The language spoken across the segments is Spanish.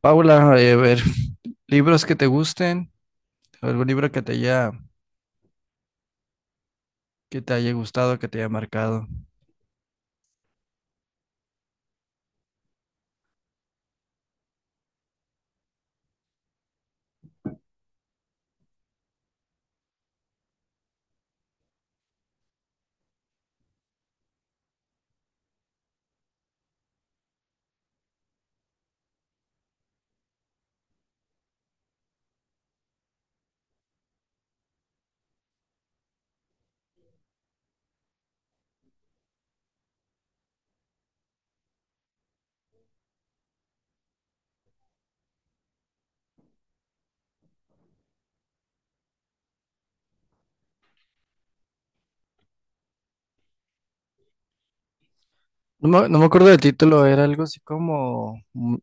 Paula, a ver, libros que te gusten, algún libro que que te haya gustado, que te haya marcado. No me acuerdo del título, era algo así como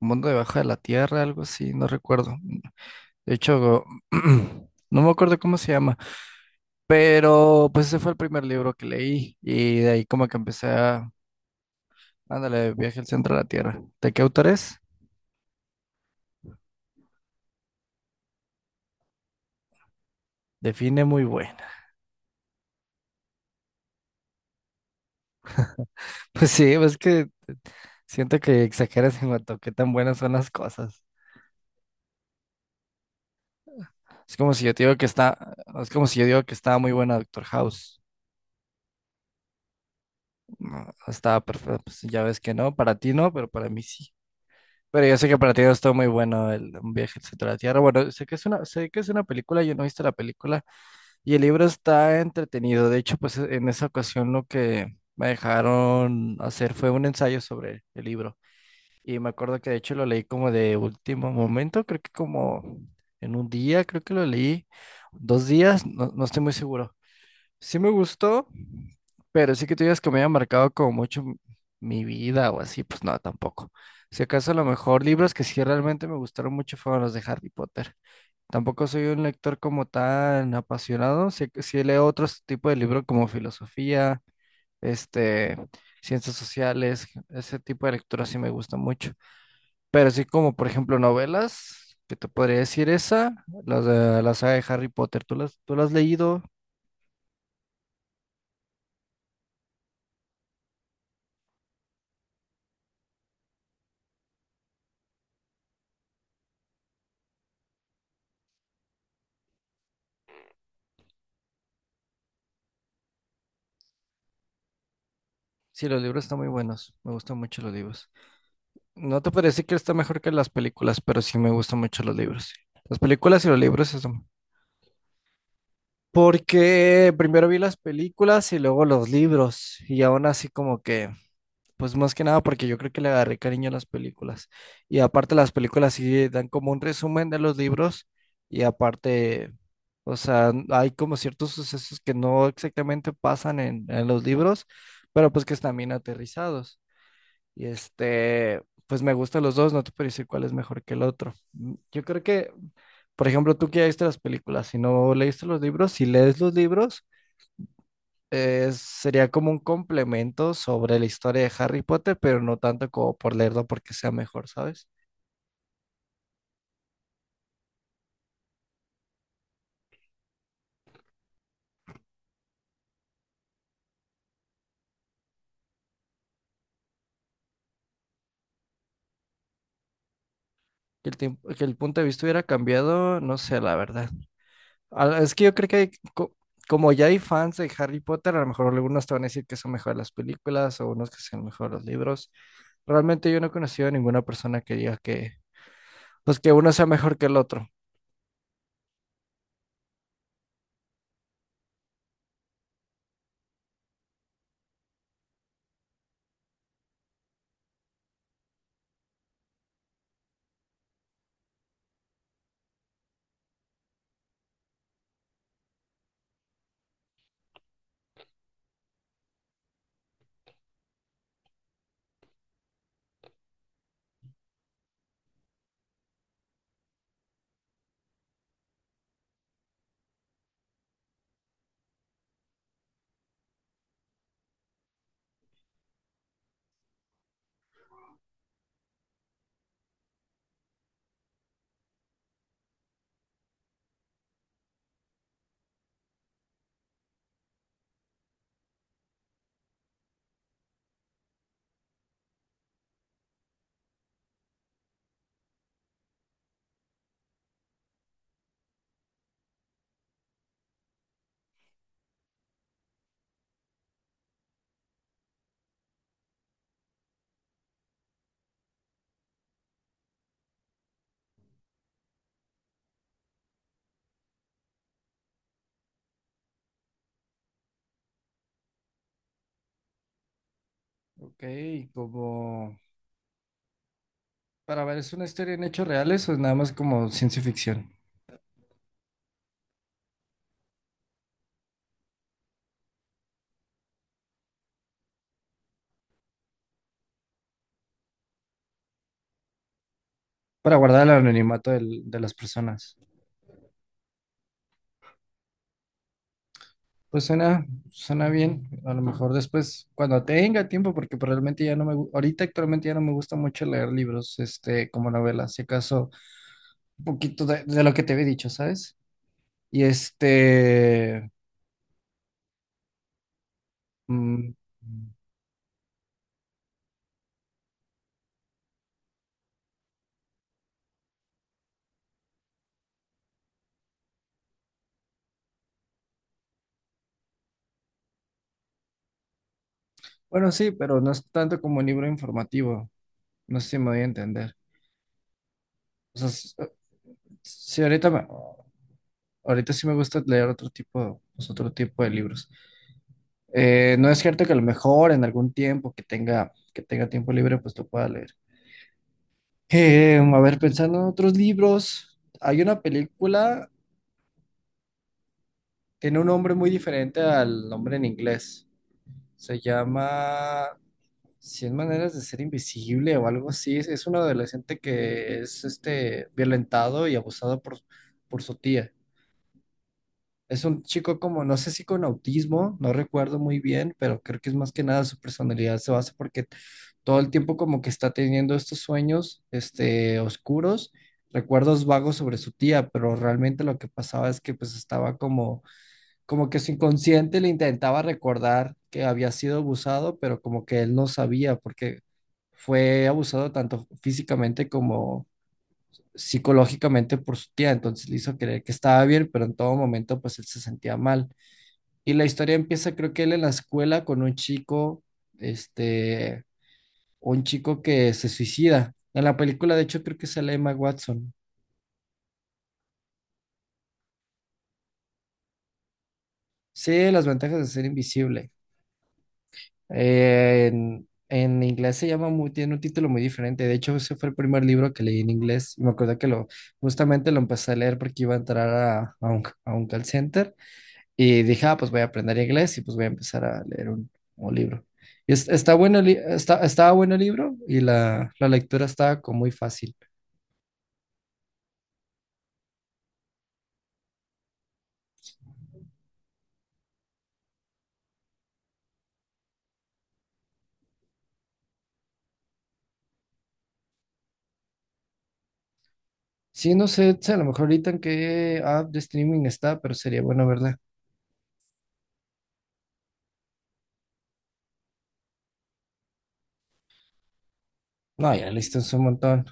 Mundo debajo de la Tierra, algo así, no recuerdo. De hecho, no me acuerdo cómo se llama, pero pues ese fue el primer libro que leí y de ahí como que empecé a, ándale, viaje al centro de la Tierra. ¿De qué autor es? Define muy buena. Pues sí, pues es que siento que exageras en cuanto a qué tan buenas son las cosas. Es como si yo te digo que está, es como si yo digo que estaba muy buena Doctor House. No, estaba perfecta, pues ya ves que no, para ti no, pero para mí sí. Pero yo sé que para ti no estuvo muy bueno el Un viaje al centro de la Tierra. Bueno, sé que es una, sé que es una película, yo no he visto la película y el libro está entretenido. De hecho, pues en esa ocasión lo que me dejaron hacer fue un ensayo sobre el libro. Y me acuerdo que de hecho lo leí como de último momento, creo que como en un día, creo que lo leí, dos días, no estoy muy seguro. Sí me gustó, pero sí que tú digas que me haya marcado como mucho mi vida o así, pues no, tampoco. Si acaso a lo mejor libros que sí realmente me gustaron mucho fueron los de Harry Potter. Tampoco soy un lector como tan apasionado, sí, sí leo otros tipo de libros como filosofía, este, ciencias sociales, ese tipo de lectura sí me gusta mucho. Pero sí como, por ejemplo, novelas, que te podría decir esa, las de la saga de Harry Potter, tú las has leído? Sí, los libros están muy buenos. Me gustan mucho los libros. No te parece que está mejor que las películas, pero sí me gustan mucho los libros. Las películas y los libros eso. Porque primero vi las películas y luego los libros. Y aún así como que, pues más que nada porque yo creo que le agarré cariño a las películas. Y aparte las películas sí dan como un resumen de los libros. Y aparte, o sea, hay como ciertos sucesos que no exactamente pasan en los libros, pero pues que están bien aterrizados. Y pues me gustan los dos, no te puedo decir cuál es mejor que el otro. Mm, yo creo que, por ejemplo, tú que ya viste las películas, si no leíste los libros, si lees los libros, sería como un complemento sobre la historia de Harry Potter, pero no tanto como por leerlo porque sea mejor, ¿sabes? Que el tiempo que el punto de vista hubiera cambiado, no sé, la verdad. Ah, es que yo creo que hay como ya hay fans de Harry Potter, a lo mejor algunos te van a decir que son mejor las películas o unos que son mejor los libros. Realmente yo no he conocido a ninguna persona que diga que, pues que uno sea mejor que el otro. Ok, como para ver, ¿es una historia en hechos reales o es nada más como ciencia ficción? Para guardar el de las personas. Pues suena, suena bien. A lo mejor después, cuando tenga tiempo, porque pues, realmente ya no ahorita actualmente ya no me gusta mucho leer libros, como novelas. Si acaso un poquito de lo que te había dicho, ¿sabes? Y mm, bueno, sí, pero no es tanto como un libro informativo, no sé si me voy a entender. O sea, sí, ahorita sí me gusta leer otro tipo, pues, otro tipo de libros. No es cierto que a lo mejor en algún tiempo que que tenga tiempo libre, pues lo pueda leer. A ver, pensando en otros libros, hay una película, tiene un nombre muy diferente al nombre en inglés. Se llama 100 maneras de ser invisible o algo así. Es un adolescente que es violentado y abusado por su tía. Es un chico como, no sé si con autismo, no recuerdo muy bien, pero creo que es más que nada su personalidad se basa porque todo el tiempo como que está teniendo estos sueños, oscuros, recuerdos vagos sobre su tía, pero realmente lo que pasaba es que pues estaba como que su inconsciente le intentaba recordar que había sido abusado, pero como que él no sabía porque fue abusado tanto físicamente como psicológicamente por su tía, entonces le hizo creer que estaba bien, pero en todo momento pues él se sentía mal. Y la historia empieza, creo que él en la escuela con un chico, este, un chico que se suicida. En la película, de hecho, creo que sale Emma Watson. Sí, las ventajas de ser invisible. En inglés se llama muy, tiene un título muy diferente. De hecho, ese fue el primer libro que leí en inglés. Y me acuerdo que justamente lo empecé a leer porque iba a entrar a un call center. Y dije, ah, pues voy a aprender inglés y pues voy a empezar a leer un libro. Y está bueno, está, estaba bueno el libro y la lectura estaba como muy fácil. Sí, no sé, si a lo mejor ahorita en qué app de streaming está, pero sería bueno verla. No, ya listo es un montón.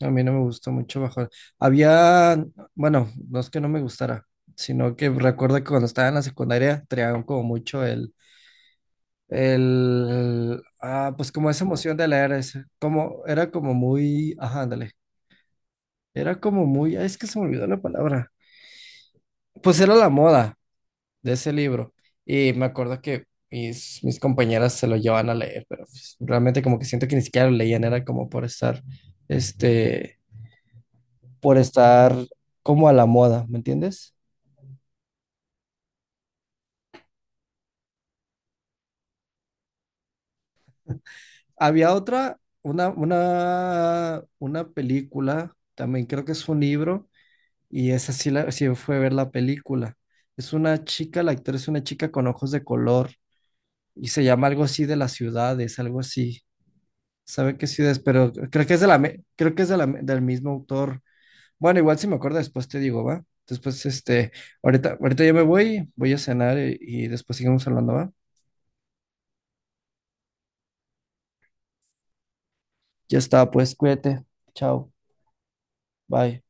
A mí no me gustó mucho bajo. Había, bueno, no es que no me gustara, sino que recuerdo que cuando estaba en la secundaria traían como mucho pues como esa emoción de leer, ese, como, era como muy, ajá, ándale, era como muy, ay, es que se me olvidó la palabra. Pues era la moda de ese libro y me acuerdo que mis compañeras se lo llevaban a leer, pero pues, realmente como que siento que ni siquiera lo leían, era como por este, por estar como a la moda, ¿me entiendes? Había otra, una película, también creo que es un libro, y esa sí, sí fue ver la película. Es una chica, la actriz es una chica con ojos de color, y se llama algo así de las ciudades, algo así. ¿Sabe qué ciudades? Pero creo que es de creo que es de la, del mismo autor. Bueno, igual si me acuerdo después te digo, ¿va? Después, ahorita yo me voy a cenar y después seguimos hablando, ¿va? Ya está, pues cuídate. Chao. Bye.